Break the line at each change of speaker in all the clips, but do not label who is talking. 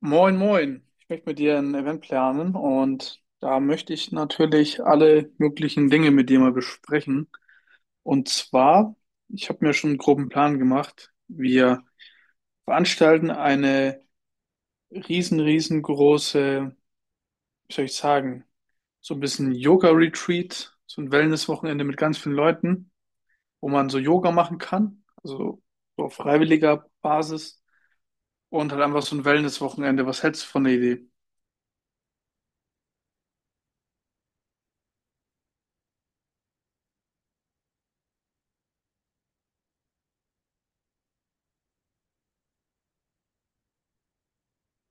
Moin, moin. Ich möchte mit dir ein Event planen und da möchte ich natürlich alle möglichen Dinge mit dir mal besprechen. Und zwar, ich habe mir schon einen groben Plan gemacht. Wir veranstalten eine riesen, riesengroße, wie soll ich sagen, so ein bisschen Yoga-Retreat, so ein Wellness-Wochenende mit ganz vielen Leuten, wo man so Yoga machen kann, also so auf freiwilliger Basis und halt einfach so ein Wellness-Wochenende. Was hältst du von der Idee?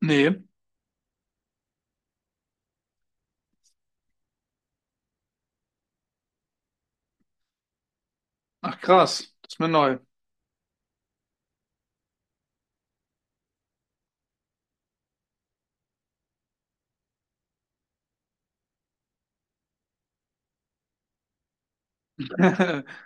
Nee, ach krass, das ist mir neu.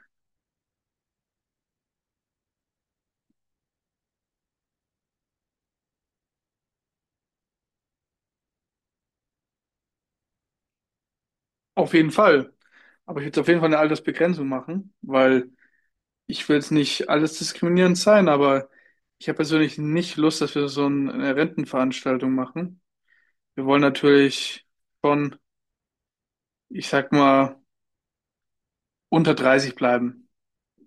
Auf jeden Fall. Aber ich würde auf jeden Fall eine Altersbegrenzung machen, weil ich will jetzt nicht alles diskriminierend sein, aber ich habe persönlich nicht Lust, dass wir so eine Rentenveranstaltung machen. Wir wollen natürlich schon, ich sag mal, unter 30 bleiben.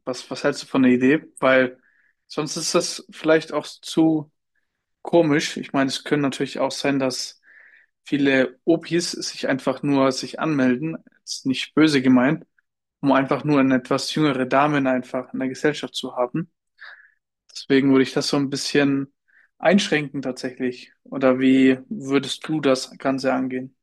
Was hältst du von der Idee? Weil sonst ist das vielleicht auch zu komisch. Ich meine, es können natürlich auch sein, dass viele Opis sich einfach nur sich anmelden. Ist nicht böse gemeint, um einfach nur eine etwas jüngere Dame einfach in der Gesellschaft zu haben. Deswegen würde ich das so ein bisschen einschränken tatsächlich. Oder wie würdest du das Ganze angehen?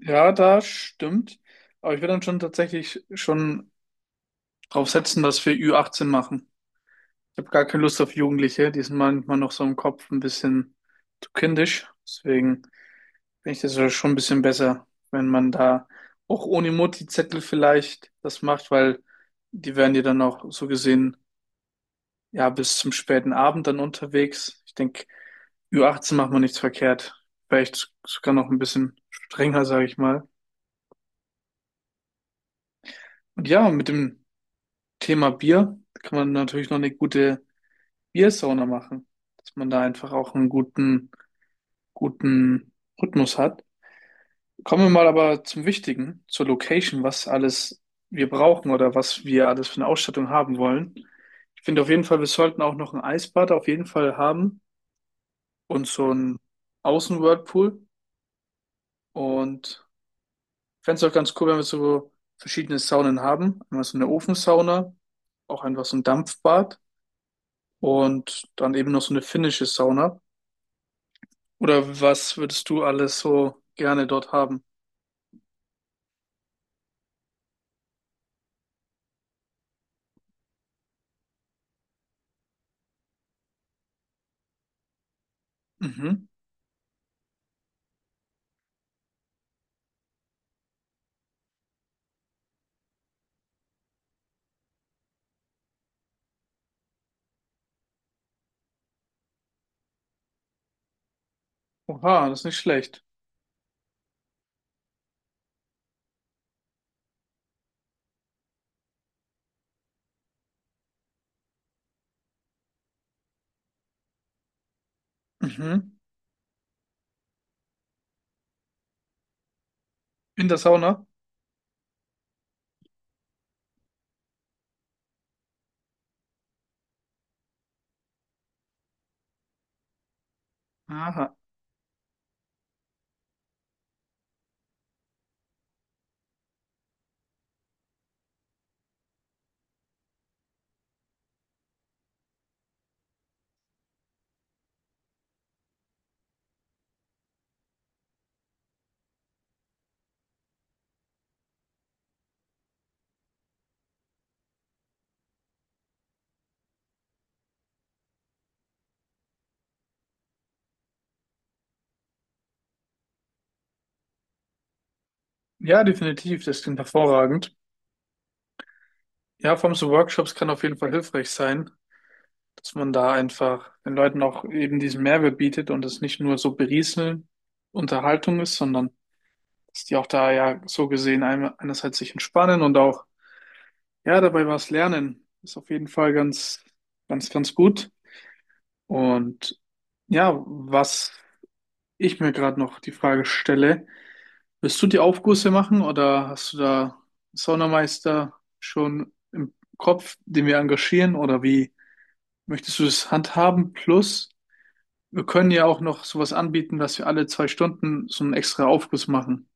Ja, das stimmt. Aber ich würde dann schon tatsächlich schon drauf setzen, dass wir ü 18 machen. Ich habe gar keine Lust auf Jugendliche. Die sind manchmal noch so im Kopf ein bisschen zu kindisch. Deswegen finde ich das ja schon ein bisschen besser, wenn man da auch ohne Mutti-Zettel vielleicht das macht, weil die werden dir dann auch so gesehen ja, bis zum späten Abend dann unterwegs. Ich denke, ü 18 macht man nichts verkehrt. Vielleicht sogar noch ein bisschen strenger, sage ich mal. Und ja, mit dem Thema Bier kann man natürlich noch eine gute Biersauna machen, dass man da einfach auch einen guten, guten Rhythmus hat. Kommen wir mal aber zum Wichtigen, zur Location, was alles wir brauchen oder was wir alles für eine Ausstattung haben wollen. Ich finde auf jeden Fall, wir sollten auch noch ein Eisbad auf jeden Fall haben und so ein Außenwhirlpool. Und fände es auch ganz cool, wenn wir so verschiedene Saunen haben. Einmal so eine Ofensauna, auch einfach so ein Dampfbad und dann eben noch so eine finnische Sauna. Oder was würdest du alles so gerne dort haben? Mhm. Oha, das ist nicht schlecht. Mhm. In der Sauna? Aha. Ja, definitiv, das klingt hervorragend. Ja, vor allem so Workshops kann auf jeden Fall hilfreich sein, dass man da einfach den Leuten auch eben diesen Mehrwert bietet und es nicht nur so berieseln Unterhaltung ist, sondern dass die auch da ja so gesehen einerseits sich entspannen und auch, ja, dabei was lernen. Ist auf jeden Fall ganz, ganz, ganz gut. Und ja, was ich mir gerade noch die Frage stelle, willst du die Aufgüsse machen oder hast du da einen Saunameister schon im Kopf, den wir engagieren oder wie möchtest du das handhaben? Plus, wir können ja auch noch sowas anbieten, dass wir alle 2 Stunden so einen extra Aufguss machen.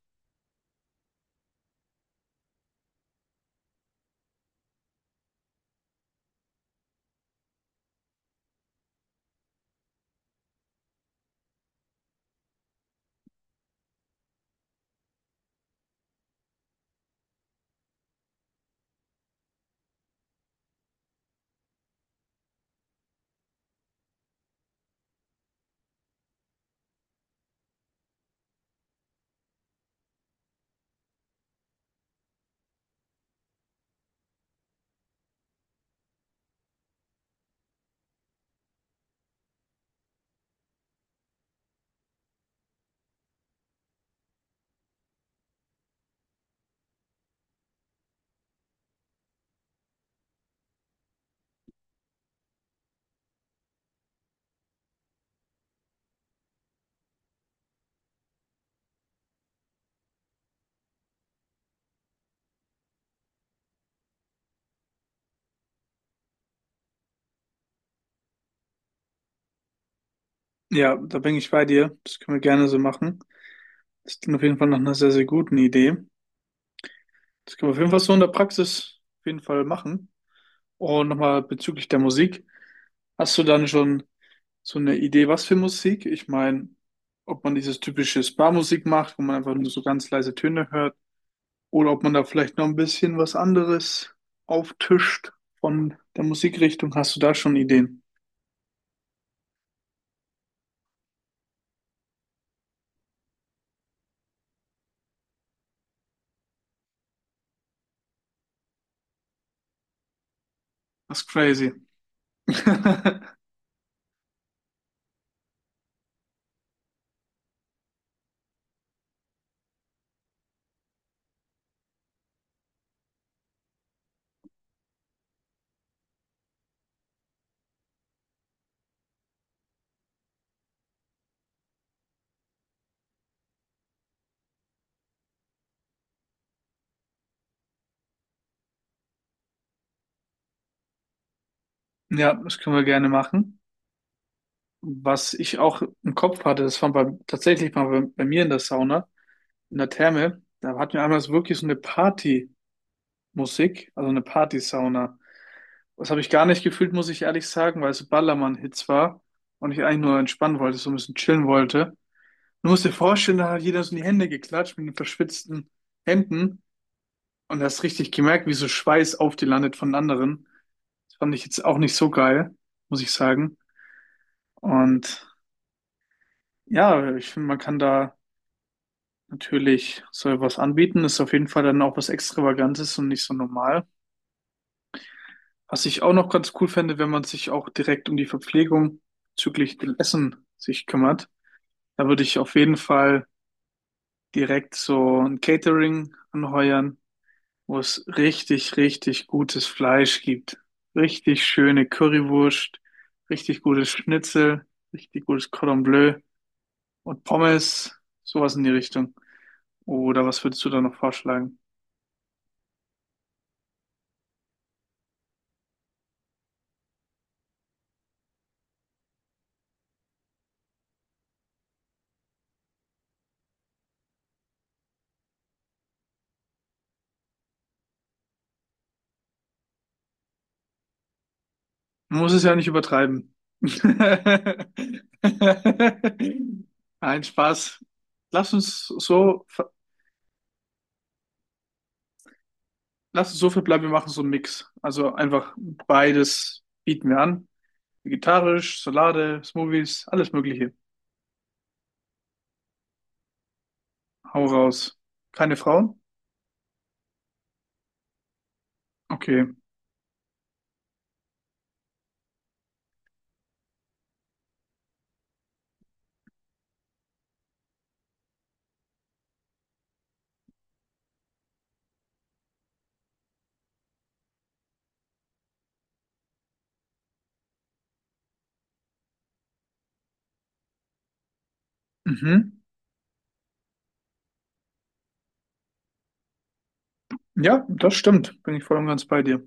Ja, da bin ich bei dir. Das können wir gerne so machen. Das klingt auf jeden Fall nach einer sehr, sehr guten Idee. Das können wir auf jeden Fall so in der Praxis auf jeden Fall machen. Und nochmal bezüglich der Musik. Hast du dann schon so eine Idee, was für Musik? Ich meine, ob man dieses typische Spa-Musik macht, wo man einfach nur so ganz leise Töne hört, oder ob man da vielleicht noch ein bisschen was anderes auftischt von der Musikrichtung. Hast du da schon Ideen? Das ist crazy. Ja, das können wir gerne machen. Was ich auch im Kopf hatte, das war tatsächlich mal bei mir in der Sauna. In der Therme, da hatten wir einmal so wirklich so eine Partymusik, also eine Partysauna. Das habe ich gar nicht gefühlt, muss ich ehrlich sagen, weil es so Ballermann-Hits war und ich eigentlich nur entspannen wollte, so ein bisschen chillen wollte. Du musst dir vorstellen, da hat jeder so in die Hände geklatscht mit den verschwitzten Händen und hast richtig gemerkt, wie so Schweiß auf die landet von anderen. Das fand ich jetzt auch nicht so geil, muss ich sagen. Und ja, ich finde, man kann da natürlich so etwas anbieten. Ist auf jeden Fall dann auch was Extravagantes und nicht so normal. Was ich auch noch ganz cool fände, wenn man sich auch direkt um die Verpflegung bezüglich dem Essen sich kümmert. Da würde ich auf jeden Fall direkt so ein Catering anheuern, wo es richtig, richtig gutes Fleisch gibt. Richtig schöne Currywurst, richtig gutes Schnitzel, richtig gutes Cordon Bleu und Pommes, sowas in die Richtung. Oder was würdest du da noch vorschlagen? Man muss es ja nicht übertreiben. Nein, Spaß. Lass uns so, ver- lass uns so verbleiben, wir machen so einen Mix. Also einfach beides bieten wir an. Vegetarisch, Salate, Smoothies, alles Mögliche. Hau raus. Keine Frauen? Okay. Mhm. Ja, das stimmt. Bin ich voll und ganz bei dir.